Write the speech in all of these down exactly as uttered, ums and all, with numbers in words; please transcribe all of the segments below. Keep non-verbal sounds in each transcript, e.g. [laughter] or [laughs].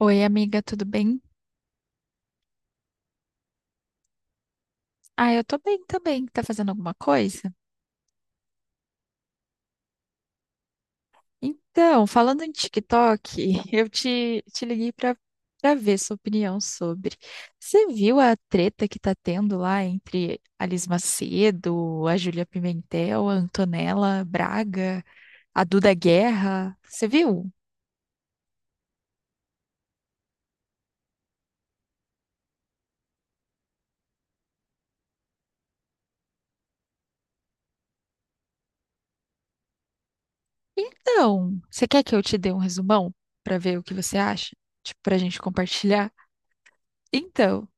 Oi, amiga, tudo bem? Ah, eu tô bem também. Tá fazendo alguma coisa? Então, falando em TikTok, [laughs] eu te, te liguei pra, pra ver sua opinião sobre. Você viu a treta que tá tendo lá entre a Liz Macedo, a Júlia Pimentel, a Antonella Braga, a Duda Guerra? Você viu? Então, você quer que eu te dê um resumão pra ver o que você acha? Tipo, pra gente compartilhar? Então.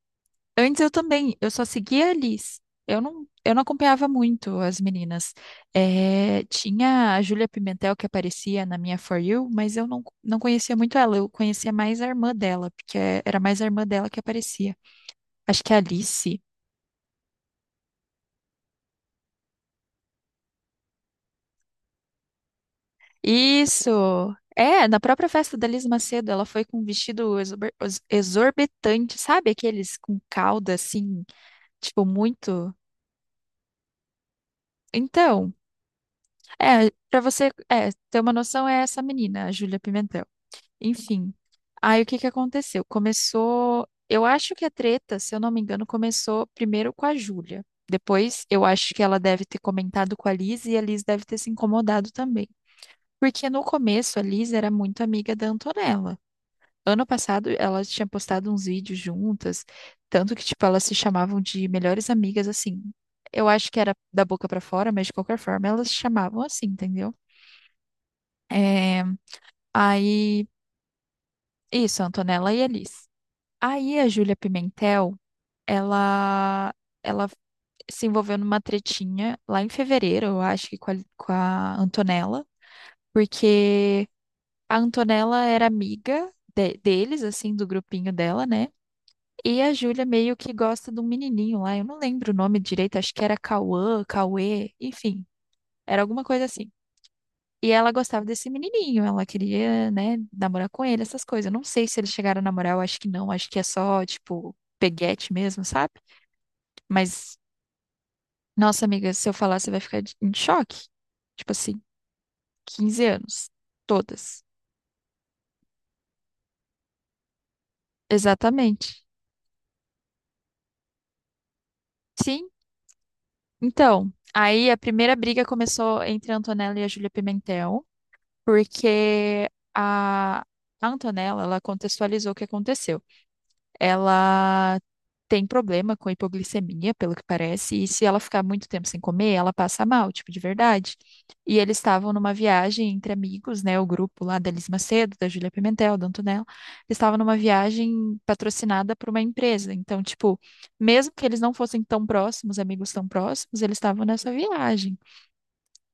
Antes eu também, eu só seguia a Liz. Eu não, eu não acompanhava muito as meninas. Eh, tinha a Júlia Pimentel que aparecia na minha For You, mas eu não, não conhecia muito ela. Eu conhecia mais a irmã dela, porque é- era mais a irmã dela que aparecia. Acho que é a Alice. Isso! É, na própria festa da Liz Macedo, ela foi com um vestido exorbi- ex- exorbitante, sabe? Aqueles com cauda, assim, tipo, muito. Então, é, pra você, é, ter uma noção, é essa menina, a Júlia Pimentel. Enfim. Aí o que que aconteceu? Começou. Eu acho que a treta, se eu não me engano, começou primeiro com a Júlia. Depois, eu acho que ela deve ter comentado com a Liz e a Liz deve ter se incomodado também. Porque no começo a Liz era muito amiga da Antonella. Ano passado ela tinha postado uns vídeos juntas, tanto que tipo elas se chamavam de melhores amigas assim. Eu acho que era da boca pra fora, mas de qualquer forma elas se chamavam assim, entendeu? É... Aí, isso, a Antonella e a Liz. Aí a Júlia Pimentel, ela, ela se envolveu numa tretinha lá em fevereiro, eu acho que com a, com a Antonella, porque a Antonella era amiga de- deles, assim, do grupinho dela, né? E a Júlia meio que gosta de um menininho lá, eu não lembro o nome direito, acho que era Cauã, Cauê, enfim, era alguma coisa assim. E ela gostava desse menininho, ela queria, né, namorar com ele, essas coisas. Eu não sei se eles chegaram a namorar, eu acho que não, acho que é só, tipo, peguete mesmo, sabe? Mas, nossa amiga, se eu falar, você vai ficar de- em choque. Tipo assim, quinze anos. Todas. Exatamente. Sim. Então, aí a primeira briga começou entre a Antonella e a Júlia Pimentel, porque a a Antonella, ela contextualizou o que aconteceu. Ela tem problema com hipoglicemia, pelo que parece, e se ela ficar muito tempo sem comer, ela passa mal, tipo, de verdade. E eles estavam numa viagem entre amigos, né? O grupo lá da Elis Macedo, da Júlia Pimentel, da Antonella. Eles estavam numa viagem patrocinada por uma empresa. Então, tipo, mesmo que eles não fossem tão próximos, amigos tão próximos, eles estavam nessa viagem.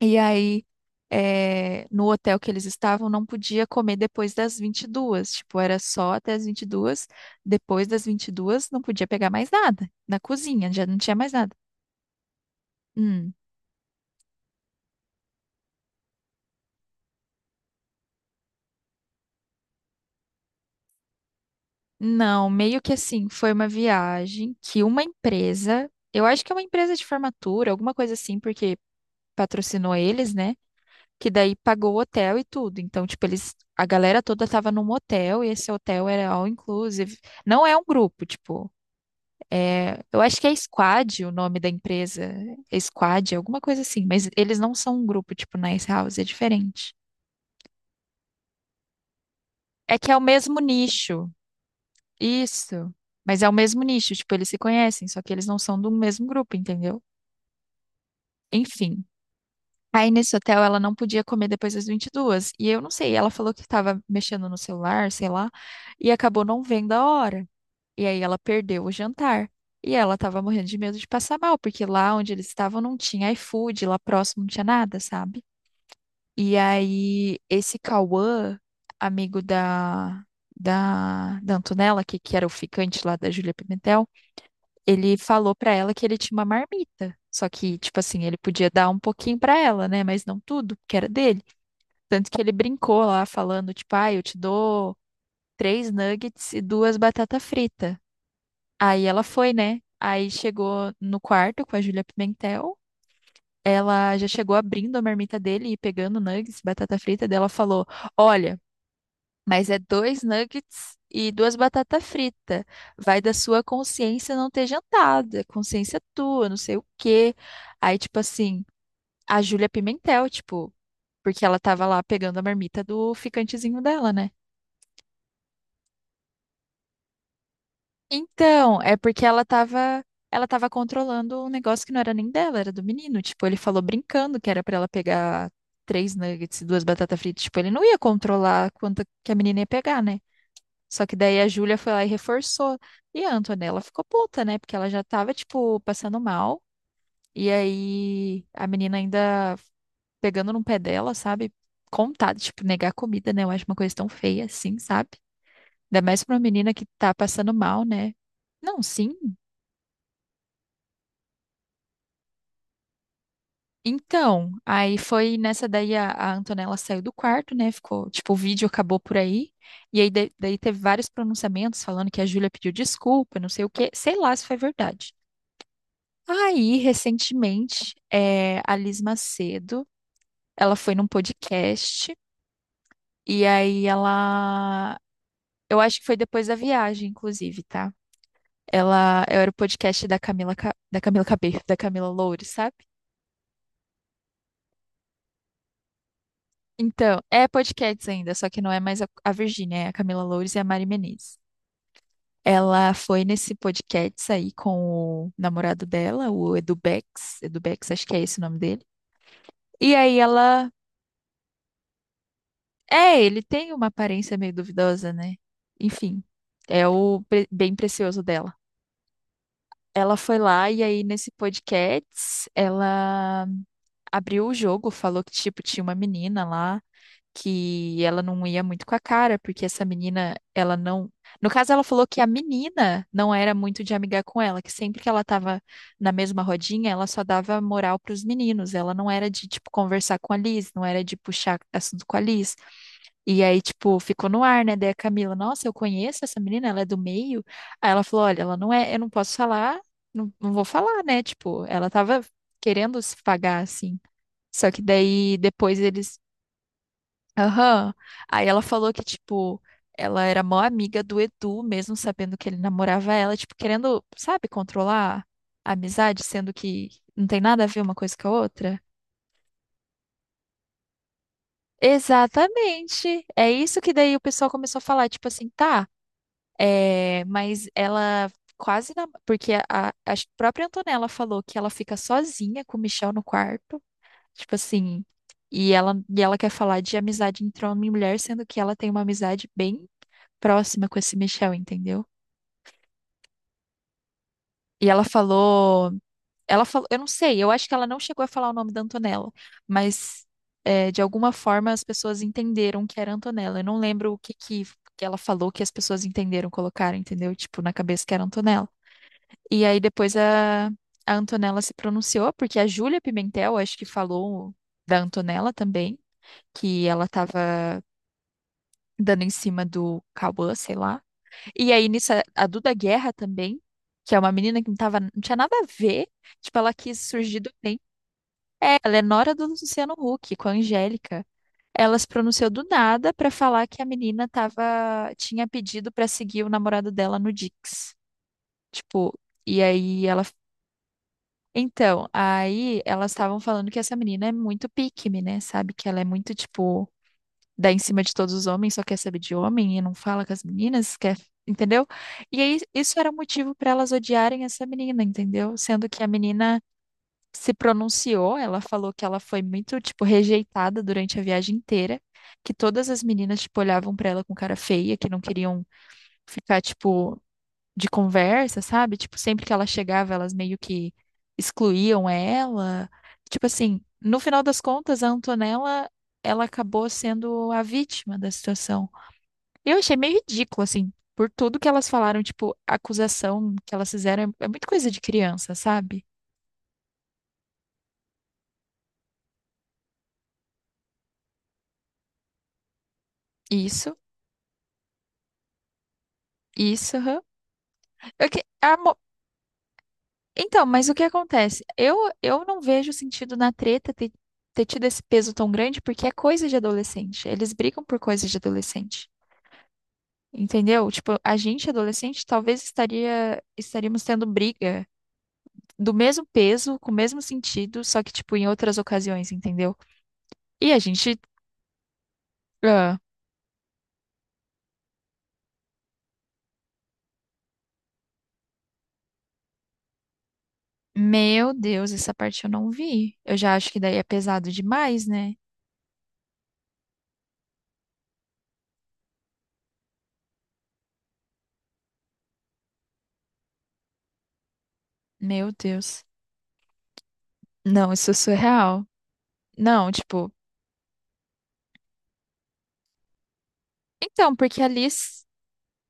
E aí, eh, no hotel que eles estavam, não podia comer depois das vinte e duas. Tipo, era só até as vinte e duas. Depois das vinte e duas não podia pegar mais nada. Na cozinha, já não tinha mais nada. Hum. Não, meio que assim, foi uma viagem que uma empresa, eu acho que é uma empresa de formatura, alguma coisa assim, porque patrocinou eles, né? Que daí pagou o hotel e tudo. Então, tipo, eles, a galera toda tava num hotel e esse hotel era all inclusive. Não é um grupo, tipo. É, eu acho que é Squad o nome da empresa. É Squad, alguma coisa assim. Mas eles não são um grupo tipo Nice House, é diferente. É que é o mesmo nicho. Isso. Mas é o mesmo nicho. Tipo, eles se conhecem, só que eles não são do mesmo grupo, entendeu? Enfim. Aí nesse hotel ela não podia comer depois das vinte e duas. E eu não sei, ela falou que estava mexendo no celular, sei lá, e acabou não vendo a hora. E aí ela perdeu o jantar. E ela tava morrendo de medo de passar mal, porque lá onde eles estavam não tinha iFood, lá próximo não tinha nada, sabe? E aí esse Cauã, amigo da, da, da Antonella, que, que era o ficante lá da Júlia Pimentel, ele falou pra ela que ele tinha uma marmita. Só que, tipo assim, ele podia dar um pouquinho pra ela, né? Mas não tudo, porque era dele. Tanto que ele brincou lá, falando, tipo, ah, eu te dou três nuggets e duas batata frita. Aí ela foi, né? Aí chegou no quarto com a Júlia Pimentel. Ela já chegou abrindo a marmita dele e pegando nuggets, batata frita dela falou: "Olha, mas é dois nuggets e duas batatas fritas. Vai da sua consciência não ter jantado, é consciência tua, não sei o quê". Aí tipo assim, a Júlia Pimentel, tipo, porque ela tava lá pegando a marmita do ficantezinho dela, né? Então, é porque ela tava, ela tava controlando um negócio que não era nem dela, era do menino. Tipo, ele falou brincando que era pra ela pegar três nuggets e duas batatas fritas. Tipo, ele não ia controlar quanto que a menina ia pegar, né? Só que daí a Júlia foi lá e reforçou. E a Antonella ficou puta, né? Porque ela já tava, tipo, passando mal. E aí a menina ainda pegando no pé dela, sabe? Contada, tipo, negar comida, né? Eu acho uma coisa tão feia assim, sabe? Ainda mais pra uma menina que tá passando mal, né? Não, sim. Então, aí foi nessa daí a, a Antonella saiu do quarto, né? Ficou, tipo, o vídeo acabou por aí. E aí de- daí teve vários pronunciamentos falando que a Júlia pediu desculpa, não sei o quê, sei lá se foi verdade. Aí, recentemente, é, a Liz Macedo, ela foi num podcast e aí ela, eu acho que foi depois da viagem, inclusive, tá? Ela era o podcast da Camila, Ca- da Camila Cabello, da Camila Loures, sabe? Então, é podcast ainda, só que não é mais a, a Virgínia, é a Camila Loures e a Mari Menezes. Ela foi nesse podcast aí com o namorado dela, o Edu Bex, Edu Bex, acho que é esse o nome dele. E aí ela, é, ele tem uma aparência meio duvidosa, né? Enfim, é o pre- bem precioso dela. Ela foi lá e aí nesse podcast ela abriu o jogo, falou que tipo tinha uma menina lá que ela não ia muito com a cara, porque essa menina, ela não. No caso, ela falou que a menina não era muito de amigar com ela, que sempre que ela tava na mesma rodinha, ela só dava moral pros meninos. Ela não era de, tipo, conversar com a Liz, não era de puxar assunto com a Liz. E aí, tipo, ficou no ar, né? Daí a Camila, nossa, eu conheço essa menina, ela é do meio. Aí ela falou: olha, ela não é, eu não posso falar, não, não vou falar, né? Tipo, ela tava querendo se pagar assim. Só que daí depois eles. Aham. Aí ela falou que, tipo, ela era mó amiga do Edu, mesmo sabendo que ele namorava ela, tipo, querendo, sabe, controlar a amizade, sendo que não tem nada a ver uma coisa com a outra. Exatamente. É isso que daí o pessoal começou a falar, tipo assim, tá, é, mas ela quase na... porque a, a a própria Antonella falou que ela fica sozinha com o Michel no quarto, tipo assim, e ela, e ela quer falar de amizade entre homem e mulher, sendo que ela tem uma amizade bem próxima com esse Michel, entendeu? E ela falou, ela falou, eu não sei, eu acho que ela não chegou a falar o nome da Antonella, mas é, de alguma forma as pessoas entenderam que era Antonella. Eu não lembro o que que, que ela falou que as pessoas entenderam, colocaram, entendeu? Tipo, na cabeça que era Antonella. E aí depois a, a, Antonella se pronunciou, porque a Júlia Pimentel, acho que falou da Antonella também, que ela tava dando em cima do Cauã, sei lá. E aí, nisso, a a Duda Guerra também, que é uma menina que não tava, não tinha nada a ver. Tipo, ela quis surgir do bem. É, ela é nora do Luciano Huck, com a Angélica. Ela se pronunciou do nada pra falar que a menina tava, tinha pedido pra seguir o namorado dela no Dix. Tipo, e aí ela. Então, aí elas estavam falando que essa menina é muito pique-me, né? Sabe? Que ela é muito, tipo, dá em cima de todos os homens, só quer saber de homem e não fala com as meninas, quer, entendeu? E aí isso era motivo para elas odiarem essa menina, entendeu? Sendo que a menina se pronunciou, ela falou que ela foi muito, tipo, rejeitada durante a viagem inteira, que todas as meninas, tipo, olhavam para ela com cara feia, que não queriam ficar, tipo, de conversa, sabe? Tipo, sempre que ela chegava, elas meio que excluíam ela. Tipo assim, no final das contas, a Antonella, ela acabou sendo a vítima da situação. Eu achei meio ridículo, assim, por tudo que elas falaram, tipo, a acusação que elas fizeram é é muito coisa de criança, sabe? Isso, isso, aham. Eu que- a mo- Então, mas o que acontece? Eu, eu não vejo sentido na treta ter ter tido esse peso tão grande porque é coisa de adolescente. Eles brigam por coisa de adolescente. Entendeu? Tipo, a gente adolescente talvez estaria estaríamos tendo briga do mesmo peso, com o mesmo sentido, só que tipo em outras ocasiões, entendeu? E a gente, ah, meu Deus, essa parte eu não vi. Eu já acho que daí é pesado demais, né? Meu Deus. Não, isso é surreal. Não, tipo, então, porque a Liz,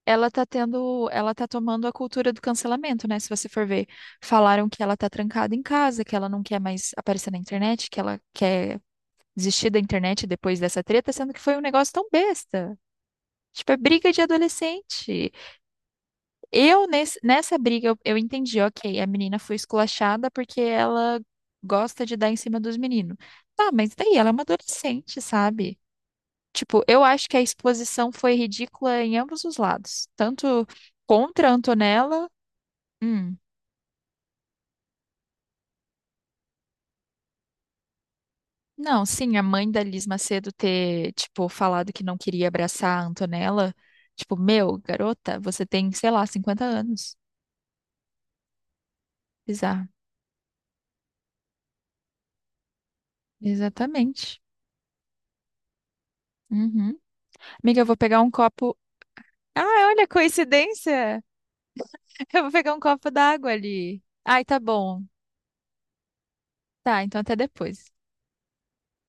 ela tá tendo, ela tá tomando a cultura do cancelamento, né? Se você for ver, falaram que ela tá trancada em casa, que ela não quer mais aparecer na internet, que ela quer desistir da internet depois dessa treta, sendo que foi um negócio tão besta. Tipo, é briga de adolescente. Eu, nesse, nessa briga, eu, eu entendi, ok, a menina foi esculachada porque ela gosta de dar em cima dos meninos. Tá, mas daí ela é uma adolescente, sabe? Tipo, eu acho que a exposição foi ridícula em ambos os lados. Tanto contra a Antonella. hum, Não, sim, a mãe da Liz Macedo ter, tipo, falado que não queria abraçar a Antonella. Tipo, meu, garota, você tem, sei lá, cinquenta anos. Bizarro. Exatamente. Uhum. Amiga, eu vou pegar um copo. Ah, olha, coincidência! [laughs] Eu vou pegar um copo d'água ali. Ai, tá bom. Tá, então até depois.